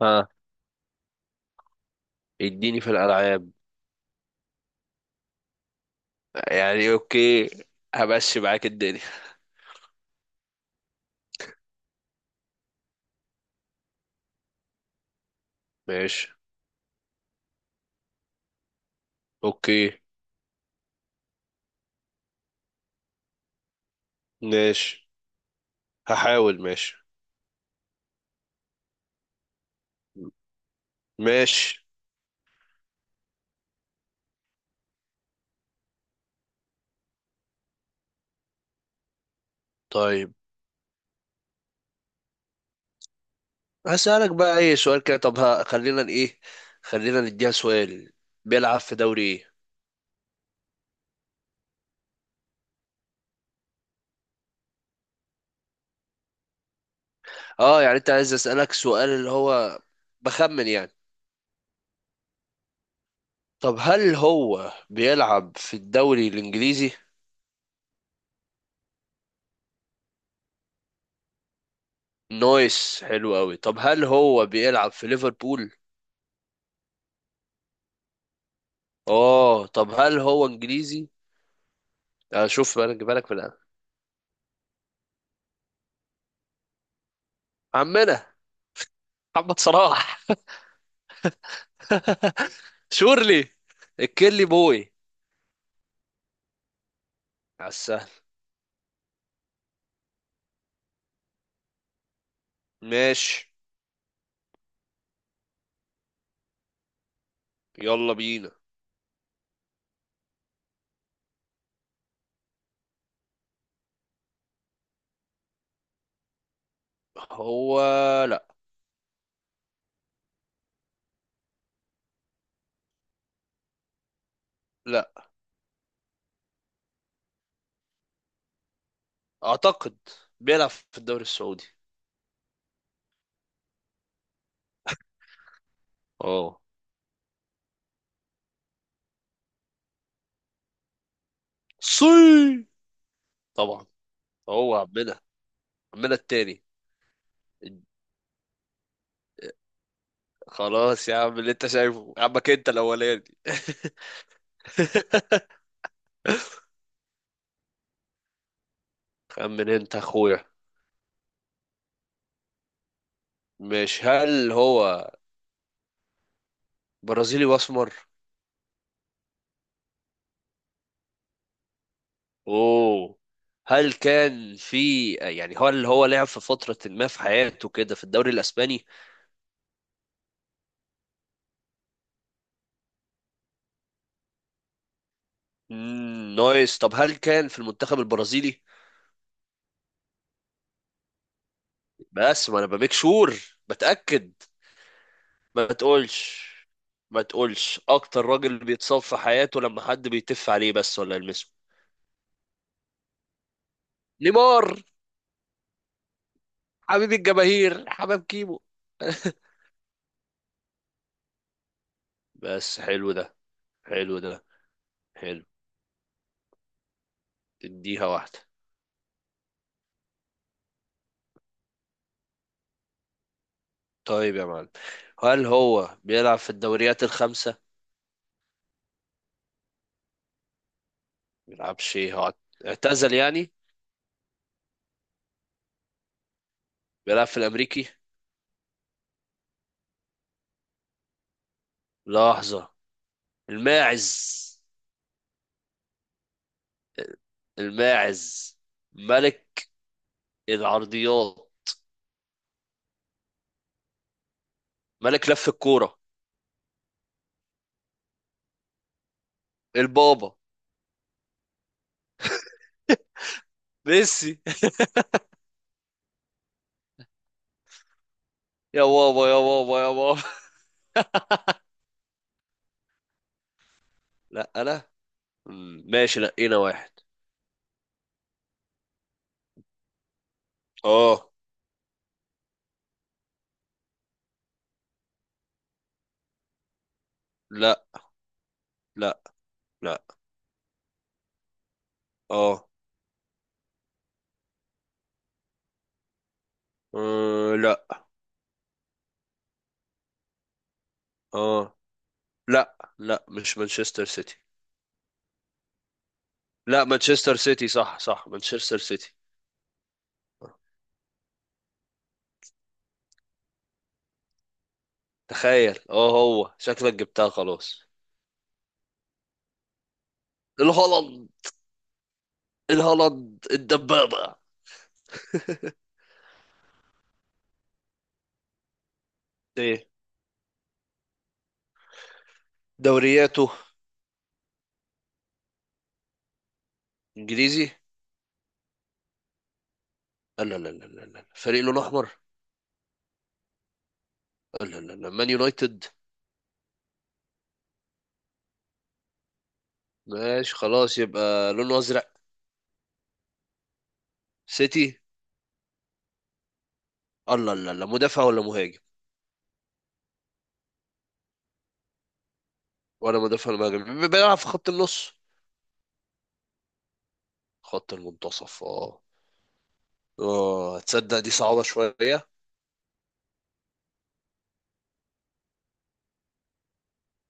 ها، اديني في الالعاب. يعني اوكي، همشي معاك الدنيا. ماشي، اوكي، ماشي، هحاول، ماشي ماشي. طيب هسألك بقى اي سؤال كده. طب ها، خلينا ايه، خلينا نديها سؤال: بيلعب في دوري ايه؟ اه يعني انت عايز اسألك سؤال اللي هو بخمن يعني. طب هل هو بيلعب في الدوري الانجليزي؟ نايس، حلو قوي. طب هل هو بيلعب في ليفربول؟ اه طب هل هو انجليزي؟ شوف بالك بالك في الآن. عمنا محمد صلاح، شورلي، الكيلي بوي. على السهل، ماشي. يلا بينا. هو لا لا، اعتقد بيلعب في الدوري السعودي. اه، سي، طبعا، هو عمنا. عمنا التاني. خلاص يا عم، اللي انت شايفه عمك انت الاولاني. خمن انت اخويا. مش هل هو برازيلي واسمر؟ اوه. هل كان في، يعني هو اللي هو لعب في فترة ما في حياته كده في الدوري الاسباني؟ نايس. طب هل كان في المنتخب البرازيلي؟ بس ما انا بميك شور، بتأكد. ما تقولش، ما تقولش اكتر راجل بيتصاب في حياته لما حد بيتف عليه بس ولا يلمسه. نيمار، حبيب الجماهير، حبيب كيمو. بس حلو ده. حلو ده، حلو. تديها واحدة. طيب يا معلم، هل هو بيلعب في الدوريات الخمسة؟ بيلعبش ايه هو، اعتزل يعني؟ بيلعب في الامريكي. لحظة. الماعز. الماعز ملك العرضيات، ملك لف الكورة. البابا. ميسي. يا بابا، يا بابا، يا بابا. لا انا. ماشي، لقينا واحد. اه. لا لا لا. اه. لا. اه، لا لا مش مانشستر سيتي. لا، مانشستر سيتي، صح صح، مانشستر سيتي. تخيل، اه هو شكلك جبتها خلاص. الهولند. الهولند الدبابة. ايه دورياته؟ انجليزي. لا لا لا لا لا، فريق لونه احمر. لا لا لا، مان يونايتد. ماشي، خلاص، يبقى لونه ازرق. سيتي. الله، لا لا، مدافع ولا مهاجم؟ ولا مدافع ولا مهاجم، بيلعب في خط النص. خط المنتصف، اه. اه تصدق دي صعبة شوية.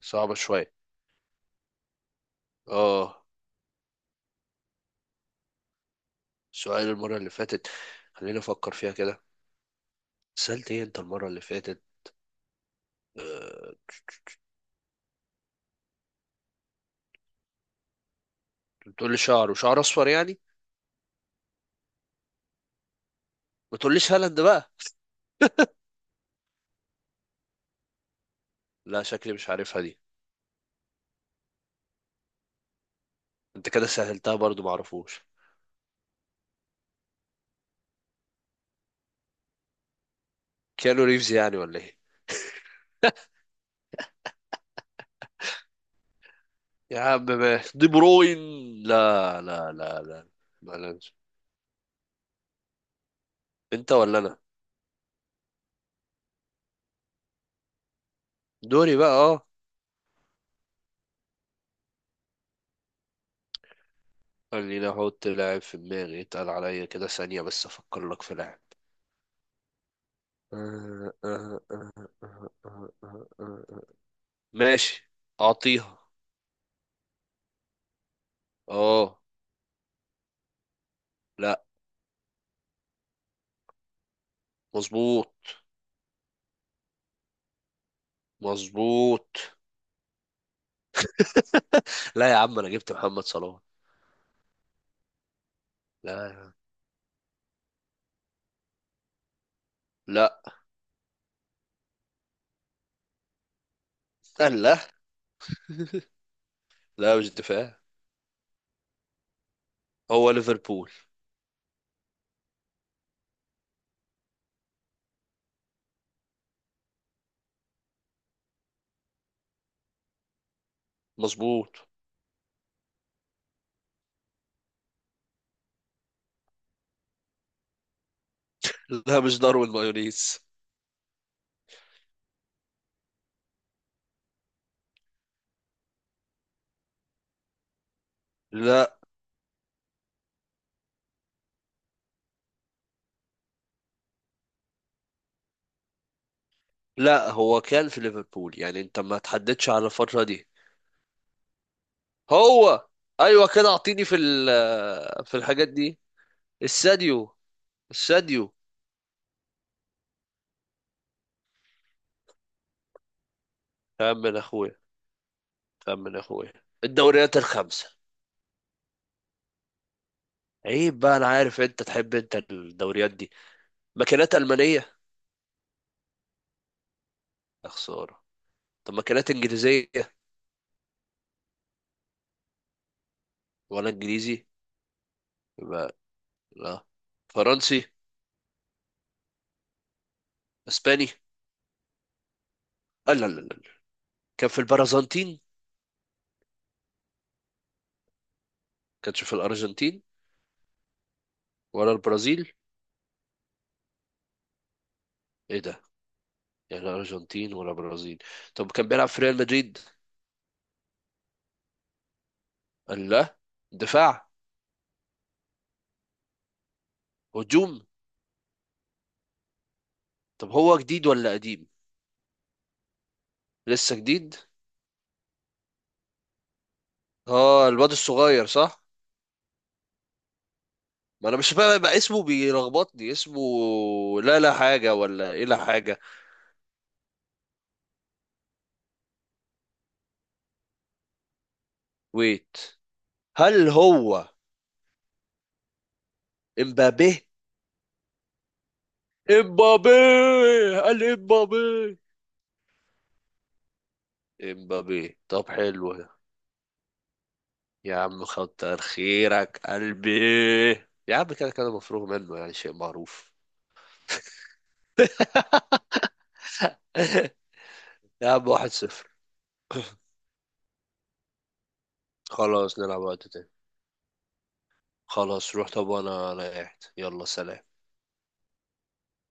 صعبة شوية، اه. سؤال المرة اللي فاتت، خليني افكر فيها كده. سألت ايه انت المرة اللي فاتت؟ آه، بتقول لي شعر، وشعر اصفر يعني. ما تقوليش هالاند بقى. لا شكلي مش عارفها دي. انت كده سهلتها برضو، معرفوش. كيانو ريفز يعني ولا ايه؟ يا عم، دي بروين. لا لا لا لا. ما لنش. انت ولا انا؟ دوري بقى اه. خليني احط لاعب في دماغي، اتقل عليا كده ثانية بس افكر لك في لاعب. ماشي، اعطيها. اه. لا. مظبوط. مظبوط. لا يا عم، انا جبت محمد صلاح. لا. لا لا لا، مش دفاع. هو ليفربول. مظبوط. لا مش داروين مايونيز. لا. لا، هو كان في ليفربول يعني، انت ما تحددش على الفترة دي. هو. ايوه كده، اعطيني في في الحاجات دي. الساديو، الساديو. يا عم من اخويا. يا عم من اخويا، الدوريات الخمسة. عيب بقى، انا عارف انت تحب انت الدوريات دي. مكانات المانية. يا خسارة. طب مكانات انجليزية؟ ولا انجليزي. يبقى، لا، فرنسي. اسباني. آه، لا لا لا لا. كان في البرازنتين؟ كانش في الارجنتين ولا البرازيل؟ ايه ده، يعني لا ارجنتين ولا برازيل. طب كان بيلعب في ريال مدريد؟ قال لا. دفاع؟ هجوم. طب هو جديد ولا قديم؟ لسه جديد. اه الواد الصغير، صح؟ ما انا مش فاهم بقى اسمه، بيلخبطني اسمه. لا لا حاجة ولا ايه؟ لا حاجة. ويت، هل هو امبابي؟ امبابي. قال امبابي. امبابي طب، حلو. يا عم كتر خيرك قلبي. يا عم كده كده، مفروغ منه، يعني شيء معروف. يا عم، 1-0. خلاص نلعب وقت تاني. خلاص روح، طب وانا انا قاعد. يلا سلام.